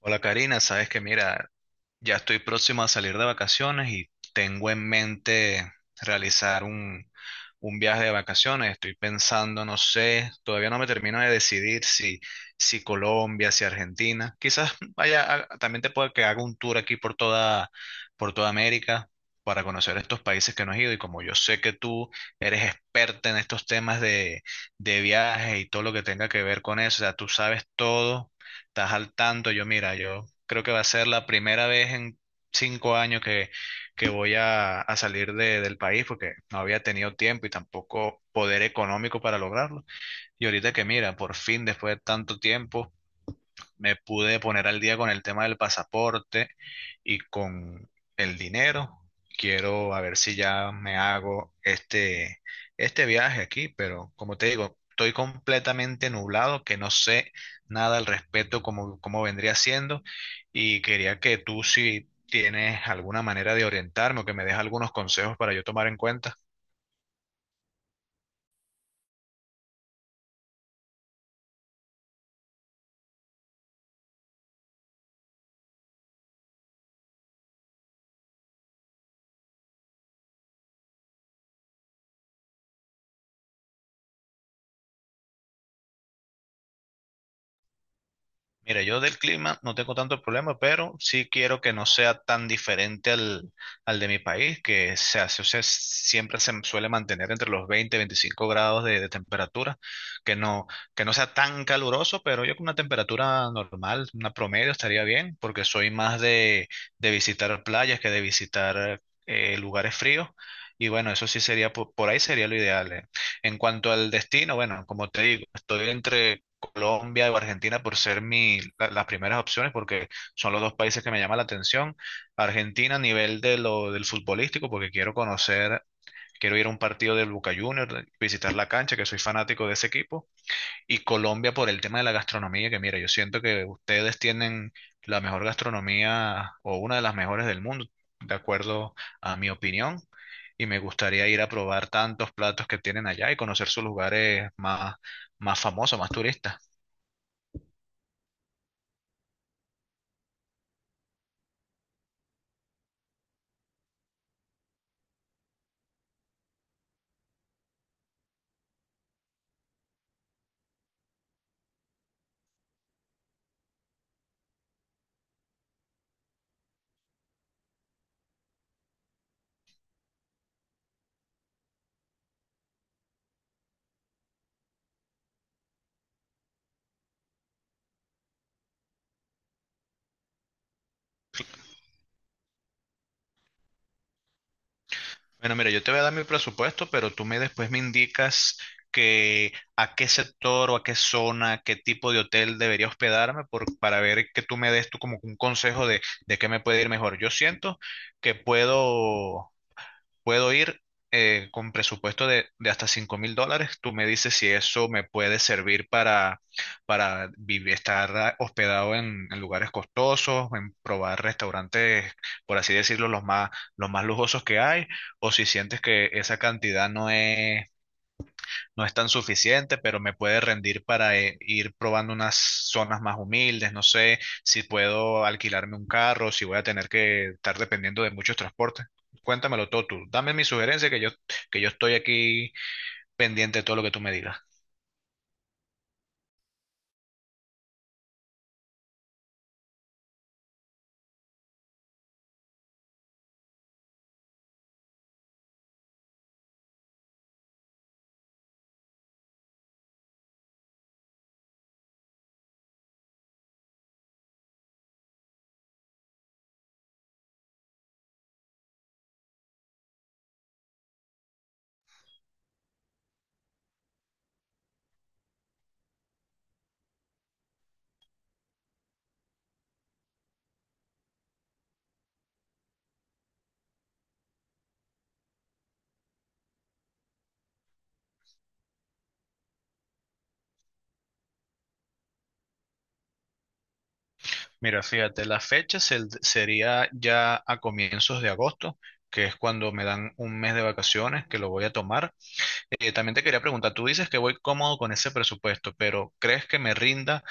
Hola Karina, sabes que mira, ya estoy próximo a salir de vacaciones y tengo en mente realizar un viaje de vacaciones. Estoy pensando, no sé, todavía no me termino de decidir si Colombia, si Argentina. Quizás vaya, también te pueda que haga un tour aquí por por toda América para conocer estos países que no he ido. Y como yo sé que tú eres experta en estos temas de viajes y todo lo que tenga que ver con eso, o sea, tú sabes todo, estás al tanto. Yo, mira, yo creo que va a ser la primera vez en 5 años que voy a salir del país porque no había tenido tiempo y tampoco poder económico para lograrlo. Y ahorita que, mira, por fin, después de tanto tiempo, me pude poner al día con el tema del pasaporte y con el dinero. Quiero a ver si ya me hago este viaje aquí, pero como te digo, estoy completamente nublado, que no sé nada al respecto como, como vendría siendo, y quería que tú si tienes alguna manera de orientarme o que me des algunos consejos para yo tomar en cuenta. Mira, yo del clima no tengo tanto problema, pero sí quiero que no sea tan diferente al de mi país, que se hace, o sea, siempre se suele mantener entre los 20 y 25 grados de temperatura, que no, que no sea tan caluroso, pero yo con una temperatura normal, una promedio, estaría bien, porque soy más de visitar playas que de visitar lugares fríos. Y bueno, eso sí sería, por ahí sería lo ideal. En cuanto al destino, bueno, como te digo, estoy entre Colombia o Argentina por ser mi, las primeras opciones, porque son los dos países que me llaman la atención. Argentina a nivel de lo, del futbolístico, porque quiero conocer, quiero ir a un partido del Boca Juniors, visitar la cancha, que soy fanático de ese equipo. Y Colombia por el tema de la gastronomía, que mira, yo siento que ustedes tienen la mejor gastronomía o una de las mejores del mundo, de acuerdo a mi opinión. Y me gustaría ir a probar tantos platos que tienen allá y conocer sus lugares más famosos, más turistas. Bueno, mira, yo te voy a dar mi presupuesto, pero tú me después me indicas que a qué sector o a qué zona, qué tipo de hotel debería hospedarme para ver que tú me des tú como un consejo de qué me puede ir mejor. Yo siento que puedo puedo ir con presupuesto de hasta $5000. Tú me dices si eso me puede servir para vivir, estar ah, hospedado en lugares costosos, en probar restaurantes, por así decirlo, los más lujosos que hay, o si sientes que esa cantidad no es tan suficiente, pero me puede rendir para ir probando unas zonas más humildes, no sé si puedo alquilarme un carro, si voy a tener que estar dependiendo de muchos transportes. Cuéntamelo todo tú, dame mi sugerencia que yo estoy aquí pendiente de todo lo que tú me digas. Mira, fíjate, la fecha sería ya a comienzos de agosto, que es cuando me dan un mes de vacaciones, que lo voy a tomar. También te quería preguntar, tú dices que voy cómodo con ese presupuesto, pero ¿crees que me rinda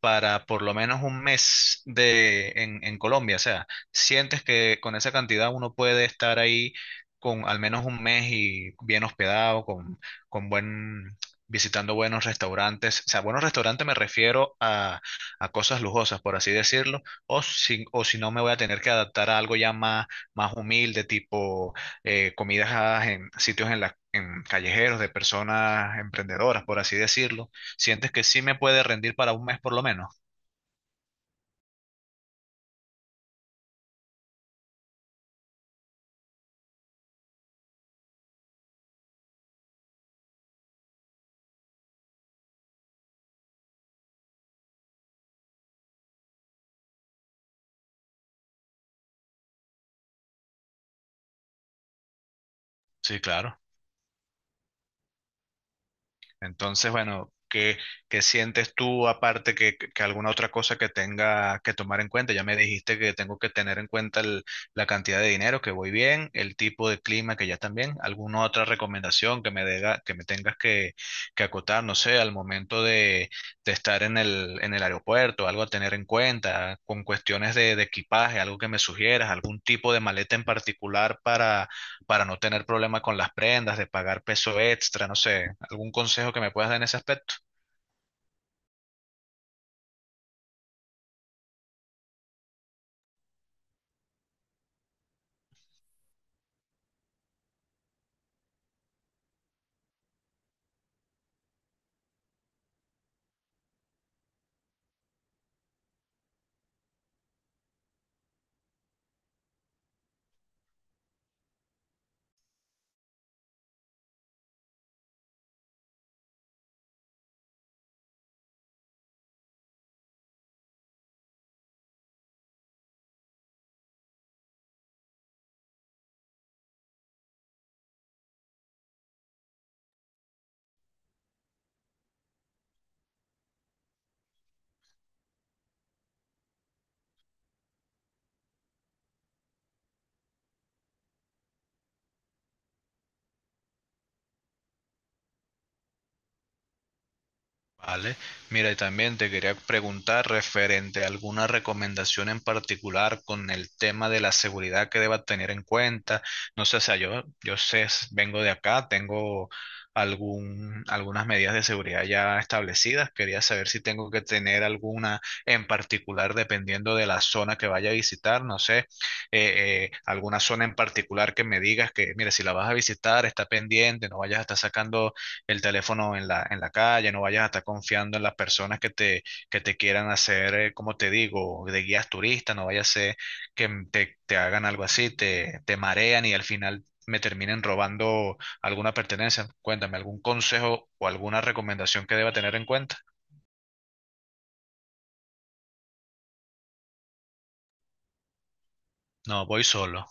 para por lo menos un mes en Colombia? O sea, ¿sientes que con esa cantidad uno puede estar ahí con al menos un mes y bien hospedado, con buen, visitando buenos restaurantes? O sea, buenos restaurantes me refiero a cosas lujosas, por así decirlo, o si no me voy a tener que adaptar a algo ya más humilde, tipo comidas a- en sitios en, la, en callejeros de personas emprendedoras, por así decirlo. ¿Sientes que sí me puede rendir para un mes por lo menos? Sí, claro. Entonces, bueno, ¿qué sientes tú aparte que alguna otra cosa que tenga que tomar en cuenta? Ya me dijiste que tengo que tener en cuenta la cantidad de dinero, que voy bien, el tipo de clima que ya también. ¿Alguna otra recomendación que que me tengas que acotar, no sé, al momento de estar en en el aeropuerto, algo a tener en cuenta, con cuestiones de equipaje, algo que me sugieras, algún tipo de maleta en particular para no tener problema con las prendas, de pagar peso extra, no sé, algún consejo que me puedas dar en ese aspecto. Vale, mira, y también te quería preguntar referente a alguna recomendación en particular con el tema de la seguridad que deba tener en cuenta. No sé, o sea, yo sé, vengo de acá, tengo algunas medidas de seguridad ya establecidas. Quería saber si tengo que tener alguna en particular dependiendo de la zona que vaya a visitar. No sé, alguna zona en particular que me digas que, mira, si la vas a visitar, está pendiente, no vayas a estar sacando el teléfono en en la calle, no vayas a estar confiando en las personas que te quieran hacer, como te digo, de guías turistas, no vaya a ser que te hagan algo así, te marean y al final me terminen robando alguna pertenencia. Cuéntame, ¿algún consejo o alguna recomendación que deba tener en cuenta? No, voy solo.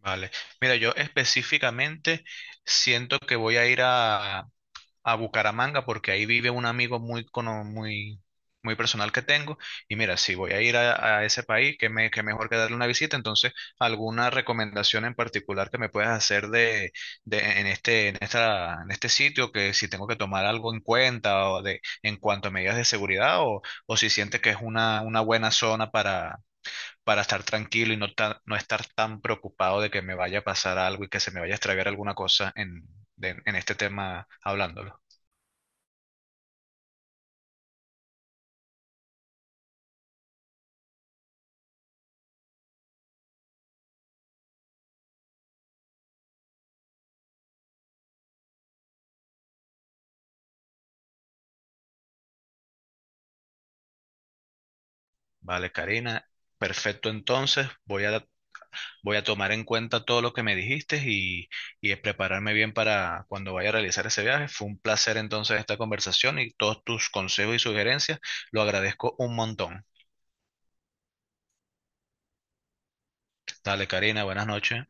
Vale. Mira, yo específicamente siento que voy a ir a Bucaramanga porque ahí vive un amigo muy personal que tengo. Y mira, si voy a ir a ese país, que me, qué mejor que darle una visita. Entonces, ¿alguna recomendación en particular que me puedas hacer en este, en este sitio? Que si tengo que tomar algo en cuenta o de, en cuanto a medidas de seguridad o si sientes que es una buena zona para estar tranquilo y no, no estar tan preocupado de que me vaya a pasar algo y que se me vaya a extraviar alguna cosa en este tema hablándolo. Vale, Karina. Perfecto, entonces voy a tomar en cuenta todo lo que me y prepararme bien para cuando vaya a realizar ese viaje. Fue un placer entonces esta conversación y todos tus consejos y sugerencias. Lo agradezco un montón. Dale, Karina, buenas noches.